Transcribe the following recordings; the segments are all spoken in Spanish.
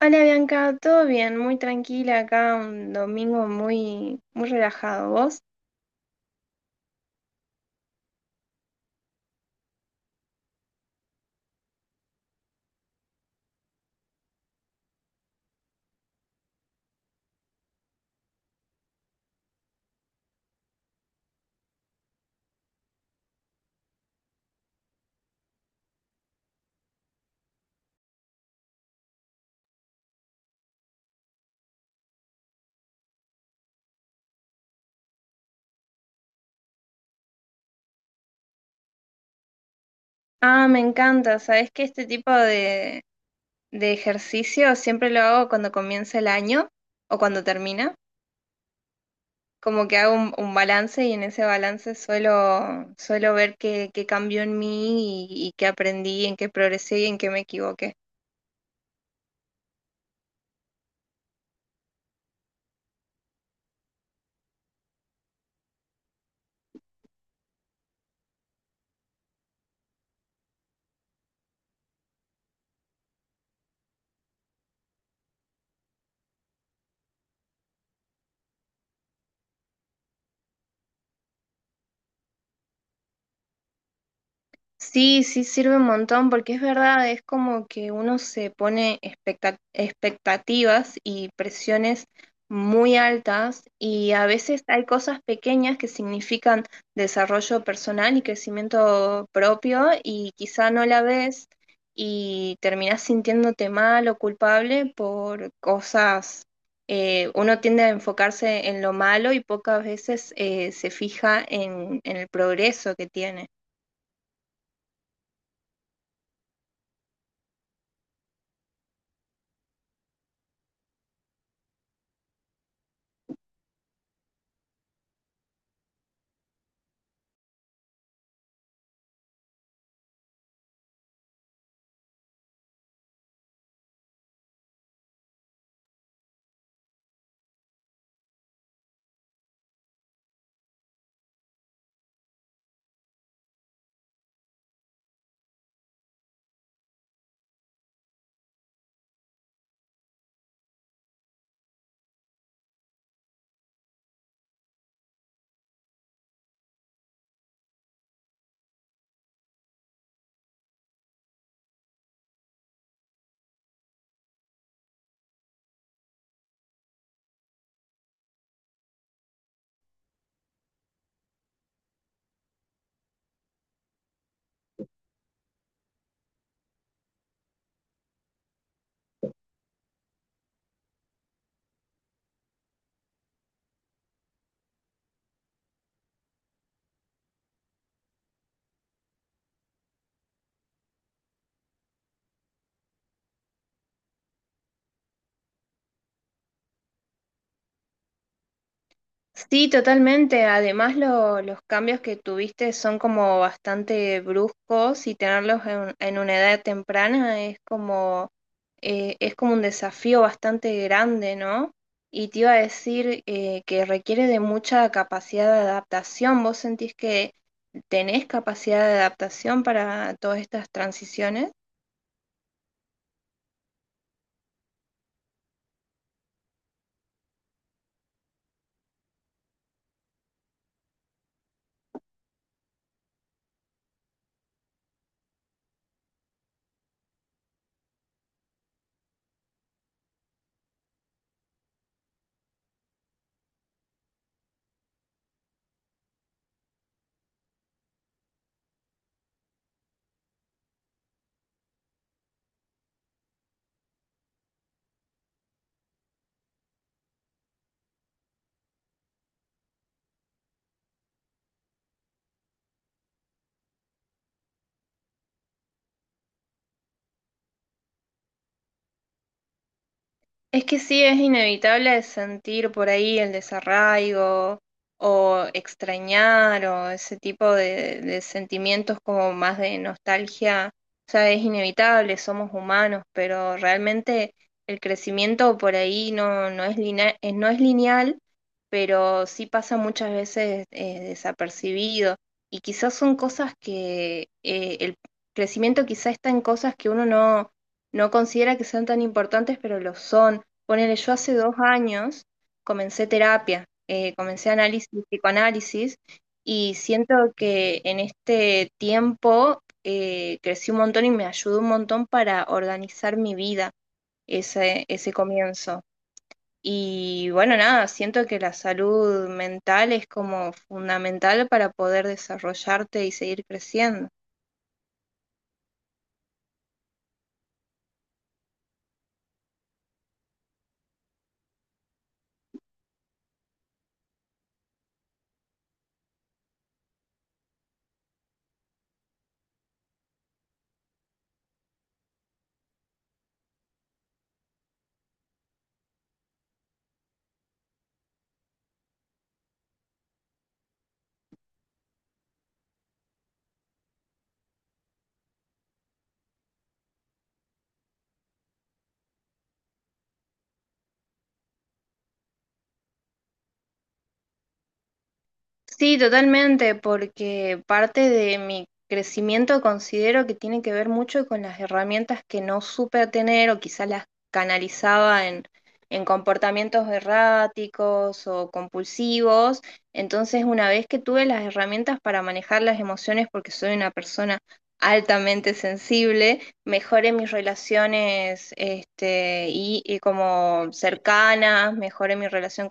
Hola Bianca, todo bien, muy tranquila acá, un domingo muy, muy relajado. ¿Vos? Ah, me encanta, sabés que este tipo de ejercicio siempre lo hago cuando comienza el año o cuando termina, como que hago un balance y en ese balance suelo ver qué, qué cambió en mí y qué aprendí, en qué progresé y en qué me equivoqué. Sí, sí sirve un montón porque es verdad, es como que uno se pone expectativas y presiones muy altas y a veces hay cosas pequeñas que significan desarrollo personal y crecimiento propio y quizá no la ves y terminás sintiéndote mal o culpable por cosas, uno tiende a enfocarse en lo malo y pocas veces se fija en el progreso que tiene. Sí, totalmente. Además, los cambios que tuviste son como bastante bruscos y tenerlos en una edad temprana es como un desafío bastante grande, ¿no? Y te iba a decir que requiere de mucha capacidad de adaptación. ¿Vos sentís que tenés capacidad de adaptación para todas estas transiciones? Es que sí, es inevitable sentir por ahí el desarraigo o extrañar o ese tipo de sentimientos como más de nostalgia. O sea, es inevitable, somos humanos, pero realmente el crecimiento por ahí no, no es lineal, pero sí pasa muchas veces desapercibido. Y quizás son cosas que el crecimiento quizás está en cosas que uno no, no considera que sean tan importantes, pero lo son. Ponele, yo hace 2 años comencé terapia, comencé análisis, psicoanálisis, y siento que en este tiempo crecí un montón y me ayudó un montón para organizar mi vida, ese comienzo. Y bueno, nada, siento que la salud mental es como fundamental para poder desarrollarte y seguir creciendo. Sí, totalmente, porque parte de mi crecimiento considero que tiene que ver mucho con las herramientas que no supe tener o quizás las canalizaba en comportamientos erráticos o compulsivos. Entonces, una vez que tuve las herramientas para manejar las emociones, porque soy una persona altamente sensible, mejoré mis relaciones este, y como cercanas, mejoré mi relación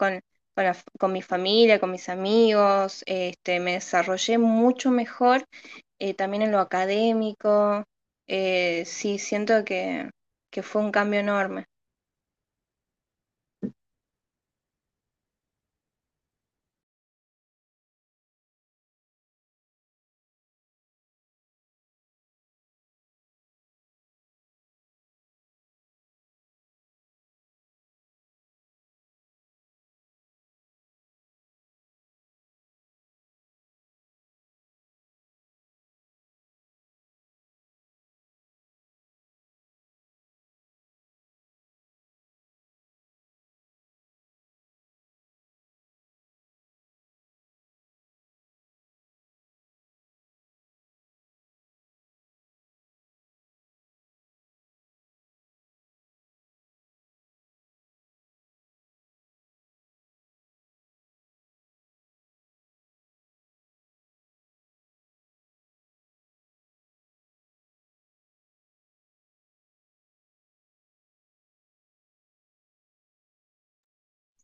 con mi familia, con mis amigos, este, me desarrollé mucho mejor también en lo académico. Sí, siento que fue un cambio enorme.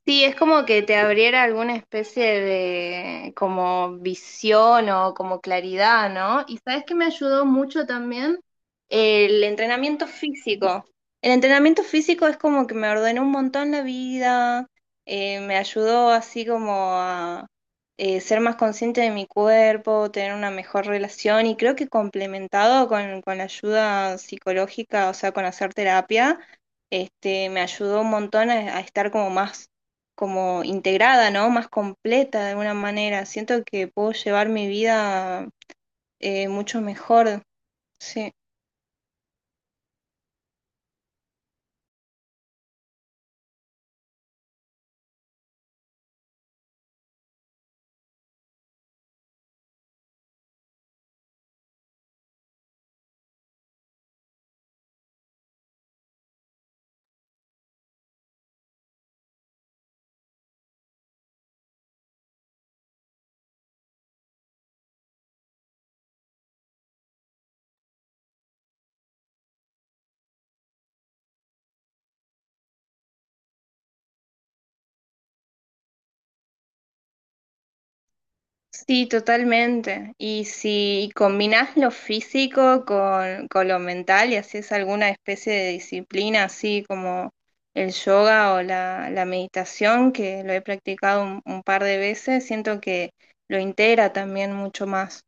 Sí, es como que te abriera alguna especie de como visión o como claridad, ¿no? Y sabes que me ayudó mucho también el entrenamiento físico. El entrenamiento físico es como que me ordenó un montón la vida, me ayudó así como a ser más consciente de mi cuerpo, tener una mejor relación y creo que complementado con la ayuda psicológica, o sea, con hacer terapia, este, me ayudó un montón a estar como más como integrada, ¿no? Más completa de alguna manera. Siento que puedo llevar mi vida mucho mejor. Sí. Sí, totalmente. Y si combinás lo físico con lo mental y haces alguna especie de disciplina, así como el yoga o la meditación, que lo he practicado un par de veces, siento que lo integra también mucho más.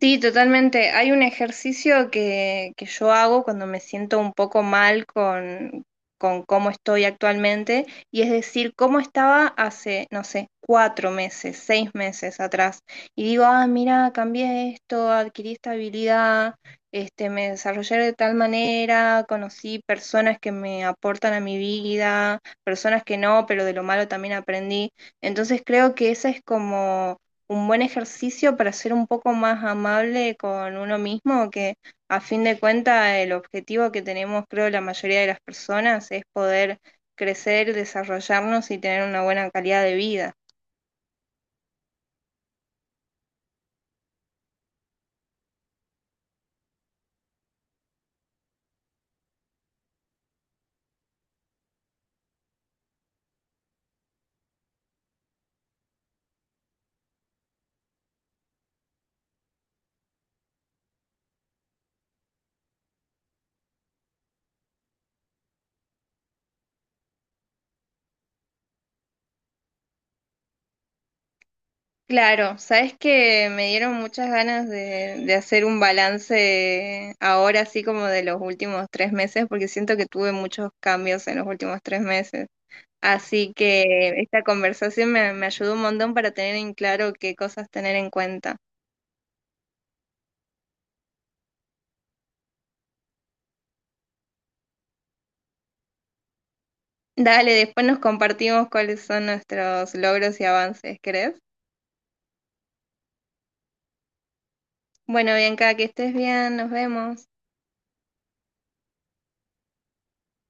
Sí, totalmente. Hay un ejercicio que yo hago cuando me siento un poco mal con cómo estoy actualmente, y es decir, cómo estaba hace, no sé, 4 meses, 6 meses atrás. Y digo, ah, mira, cambié esto, adquirí esta habilidad, este, me desarrollé de tal manera, conocí personas que me aportan a mi vida, personas que no, pero de lo malo también aprendí. Entonces creo que esa es como un buen ejercicio para ser un poco más amable con uno mismo, que a fin de cuentas el objetivo que tenemos, creo, la mayoría de las personas es poder crecer, desarrollarnos y tener una buena calidad de vida. Claro, sabes que me dieron muchas ganas de hacer un balance ahora, así como de los últimos 3 meses, porque siento que tuve muchos cambios en los últimos 3 meses. Así que esta conversación me, me ayudó un montón para tener en claro qué cosas tener en cuenta. Dale, después nos compartimos cuáles son nuestros logros y avances, ¿crees? Bueno, Bianca, que estés bien, nos vemos.